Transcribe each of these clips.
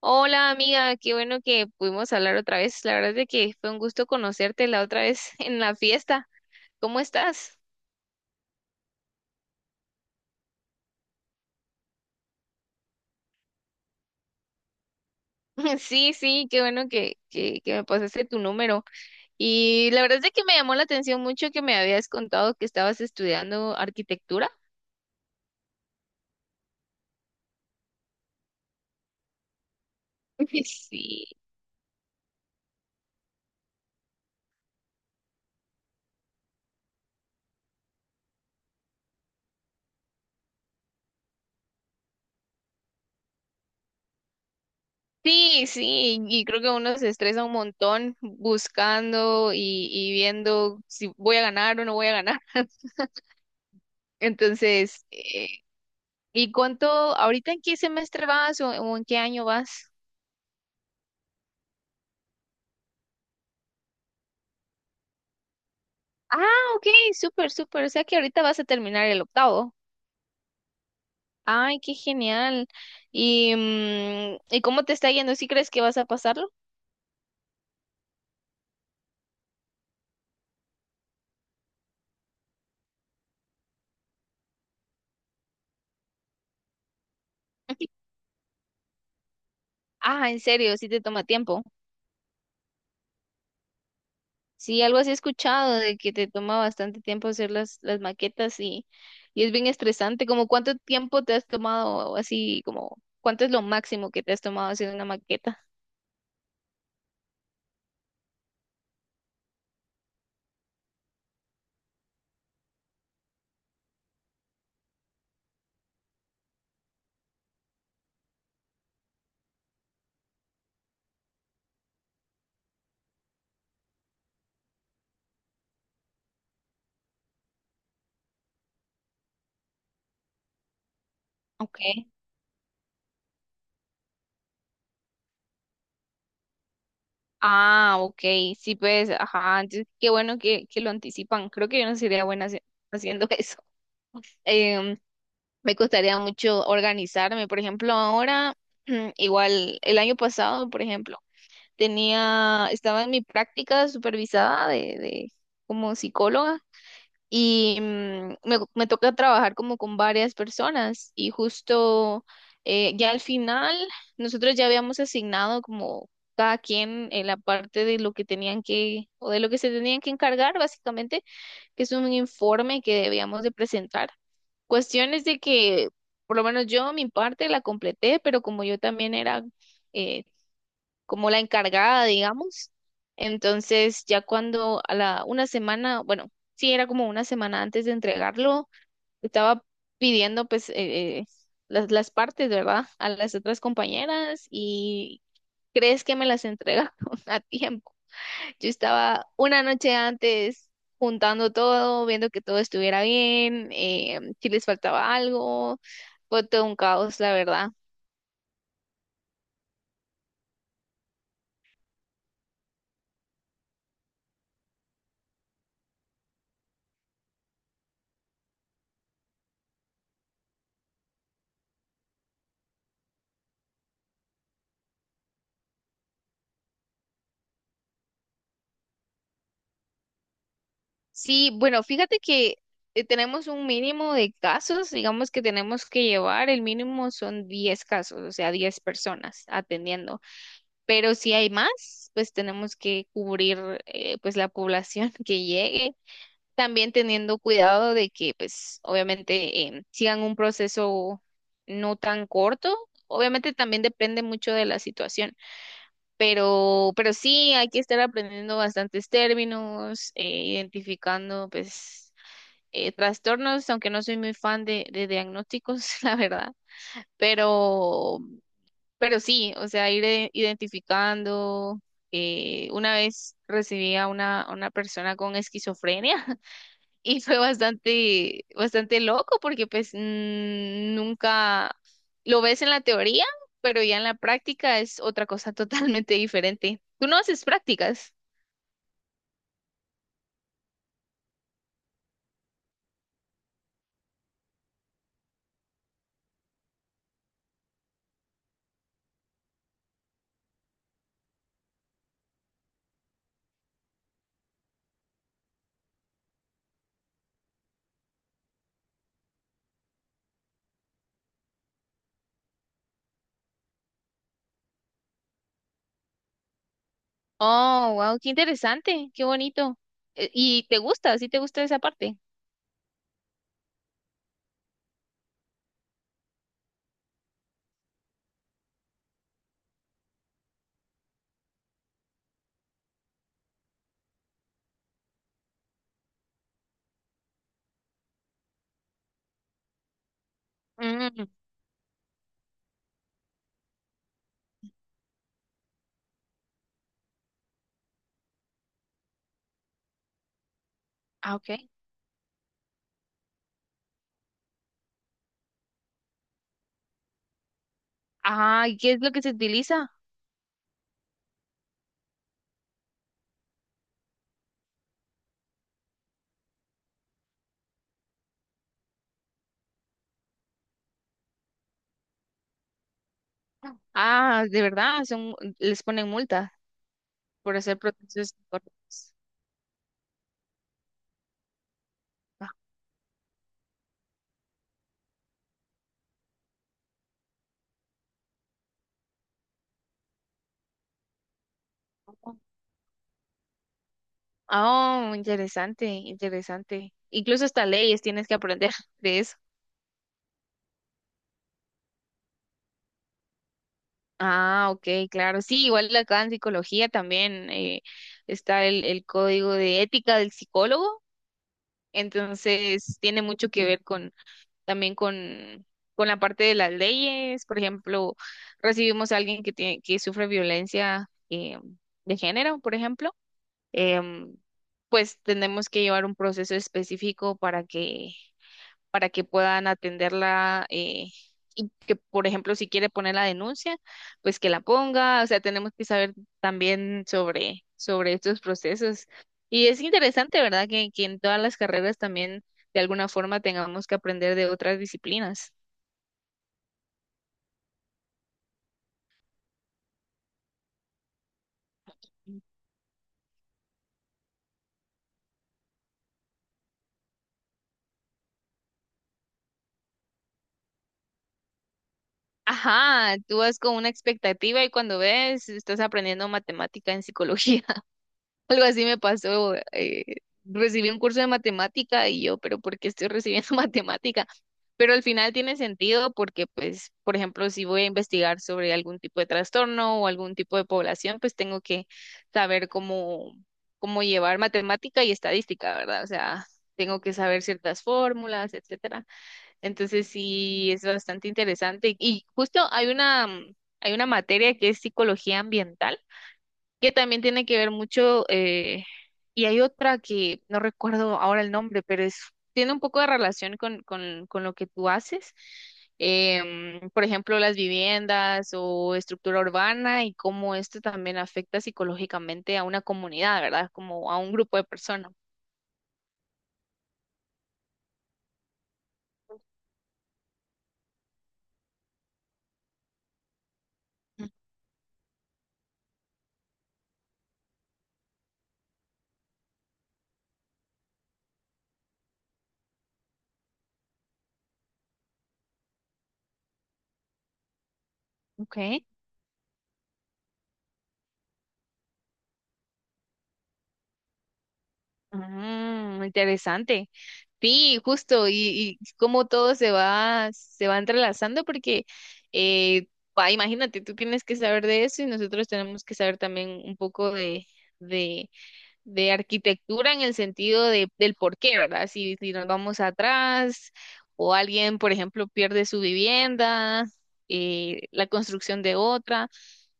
Hola amiga, qué bueno que pudimos hablar otra vez. La verdad es de que fue un gusto conocerte la otra vez en la fiesta. ¿Cómo estás? Sí, sí, qué bueno que me pasaste tu número. Y la verdad es de que me llamó la atención mucho que me habías contado que estabas estudiando arquitectura. Sí, sí, sí, y creo que uno se estresa un montón buscando y viendo si voy a ganar o no voy a ganar. Entonces, ¿Y cuánto, ahorita en qué semestre vas o en qué año vas? Ah, ok, súper, súper. O sea que ahorita vas a terminar el octavo. Ay, qué genial. ¿Y, y cómo te está yendo? ¿Sí crees que vas a pasarlo? Ah, en serio, sí te toma tiempo. Sí, algo así he escuchado de que te toma bastante tiempo hacer las maquetas y es bien estresante. ¿Como cuánto tiempo te has tomado así, como cuánto es lo máximo que te has tomado haciendo una maqueta? Ok. Ah, ok, sí, pues, ajá, entonces, qué bueno que lo anticipan. Creo que yo no sería buena haciendo eso. Em, Me costaría mucho organizarme. Por ejemplo, ahora, igual, el año pasado, por ejemplo, tenía, estaba en mi práctica supervisada de como psicóloga y me toca trabajar como con varias personas y justo ya al final nosotros ya habíamos asignado como cada quien en la parte de lo que tenían que o de lo que se tenían que encargar básicamente, que es un informe que debíamos de presentar. Cuestiones de que por lo menos yo mi parte la completé, pero como yo también era eh, como la encargada, digamos. Entonces, ya cuando a la una semana, bueno, sí era como una semana antes de entregarlo, estaba pidiendo pues eh, las partes, ¿verdad? A las otras compañeras y ¿crees que me las entregaron a tiempo? Yo estaba una noche antes juntando todo, viendo que todo estuviera bien, si les faltaba algo. Fue todo un caos, la verdad. Sí, bueno, fíjate que tenemos un mínimo de casos, digamos que tenemos que llevar, el mínimo son 10 casos, o sea, 10 personas atendiendo, pero si hay más, pues tenemos que cubrir pues la población que llegue, también teniendo cuidado de que pues obviamente sigan un proceso no tan corto. Obviamente también depende mucho de la situación, pero sí hay que estar aprendiendo bastantes términos, identificando pues trastornos, aunque no soy muy fan de diagnósticos, la verdad, pero, pero sí, o sea, ir identificando. Una vez recibí a una persona con esquizofrenia y fue bastante, bastante loco porque pues nunca lo ves en la teoría, pero ya en la práctica es otra cosa totalmente diferente. ¿Tú no haces prácticas? Oh, wow, qué interesante, qué bonito. ¿Y te gusta? ¿Sí te gusta esa parte? Mm, ah, ok. Ah, ¿y qué es lo que se utiliza? Ah, de verdad, son, les ponen multas por hacer procesos incorrectos. Ah, oh, interesante, interesante. Incluso hasta leyes tienes que aprender de eso. Ah, ok, claro. Sí, igual acá en psicología también está el código de ética del psicólogo, entonces tiene mucho que ver con también con la parte de las leyes. Por ejemplo, recibimos a alguien que tiene, que sufre violencia de género, por ejemplo. em, pues tenemos que llevar un proceso específico para que puedan atenderla y que, por ejemplo, si quiere poner la denuncia, pues que la ponga. O sea, tenemos que saber también sobre estos procesos. Y es interesante, ¿verdad? Que en todas las carreras también de alguna forma tengamos que aprender de otras disciplinas. Ajá, tú vas con una expectativa y cuando ves, estás aprendiendo matemática en psicología. Algo así me pasó. Recibí un curso de matemática y yo, pero ¿por qué estoy recibiendo matemática? Pero al final tiene sentido porque, pues, por ejemplo, si voy a investigar sobre algún tipo de trastorno o algún tipo de población, pues tengo que saber cómo llevar matemática y estadística, ¿verdad? O sea, tengo que saber ciertas fórmulas, etcétera. Entonces sí, es bastante interesante. Y justo hay una materia que es psicología ambiental que también tiene que ver mucho, y hay otra que no recuerdo ahora el nombre, pero es, tiene un poco de relación con lo que tú haces. Por ejemplo, las viviendas o estructura urbana y cómo esto también afecta psicológicamente a una comunidad, ¿verdad? Como a un grupo de personas. Mm. Ok. Mm, interesante. Sí, justo, y cómo todo se va entrelazando, porque eh, imagínate, tú tienes que saber de eso y nosotros tenemos que saber también un poco de, de arquitectura en el sentido de, del por qué, ¿verdad? Si nos vamos atrás o alguien, por ejemplo, pierde su vivienda, la construcción de otra,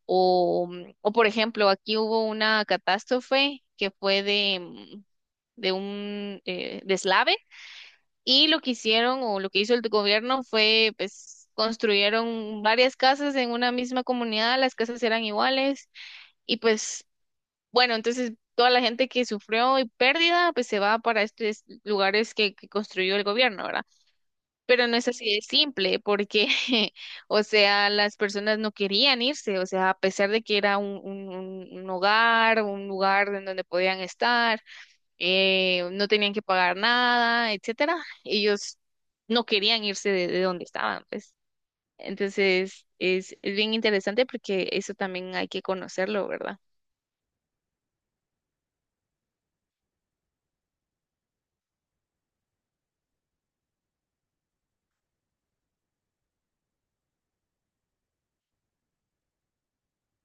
o, o por ejemplo, aquí hubo una catástrofe que fue de un deslave y lo que hicieron o lo que hizo el gobierno fue pues construyeron varias casas en una misma comunidad, las casas eran iguales y pues bueno, entonces toda la gente que sufrió y pérdida pues se va para estos lugares que construyó el gobierno, ¿verdad? Pero no es así de simple porque, o sea, las personas no querían irse, o sea, a pesar de que era un un hogar, un lugar en donde podían estar no tenían que pagar nada, etcétera. Ellos no querían irse de donde estaban, pues. Entonces, es bien interesante porque eso también hay que conocerlo, ¿verdad?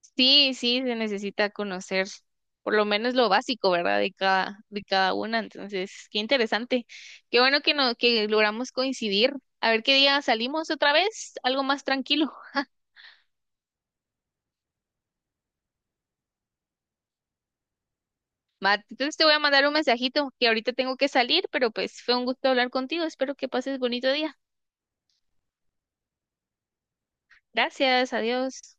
Sí, sí, se necesita conocer por lo menos lo básico, ¿verdad? De cada una. Entonces, qué interesante. Qué bueno que no, que logramos coincidir. A ver qué día salimos otra vez, algo más tranquilo. Va, entonces te voy a mandar un mensajito que ahorita tengo que salir, pero pues fue un gusto hablar contigo. Espero que pases bonito día. Gracias, adiós.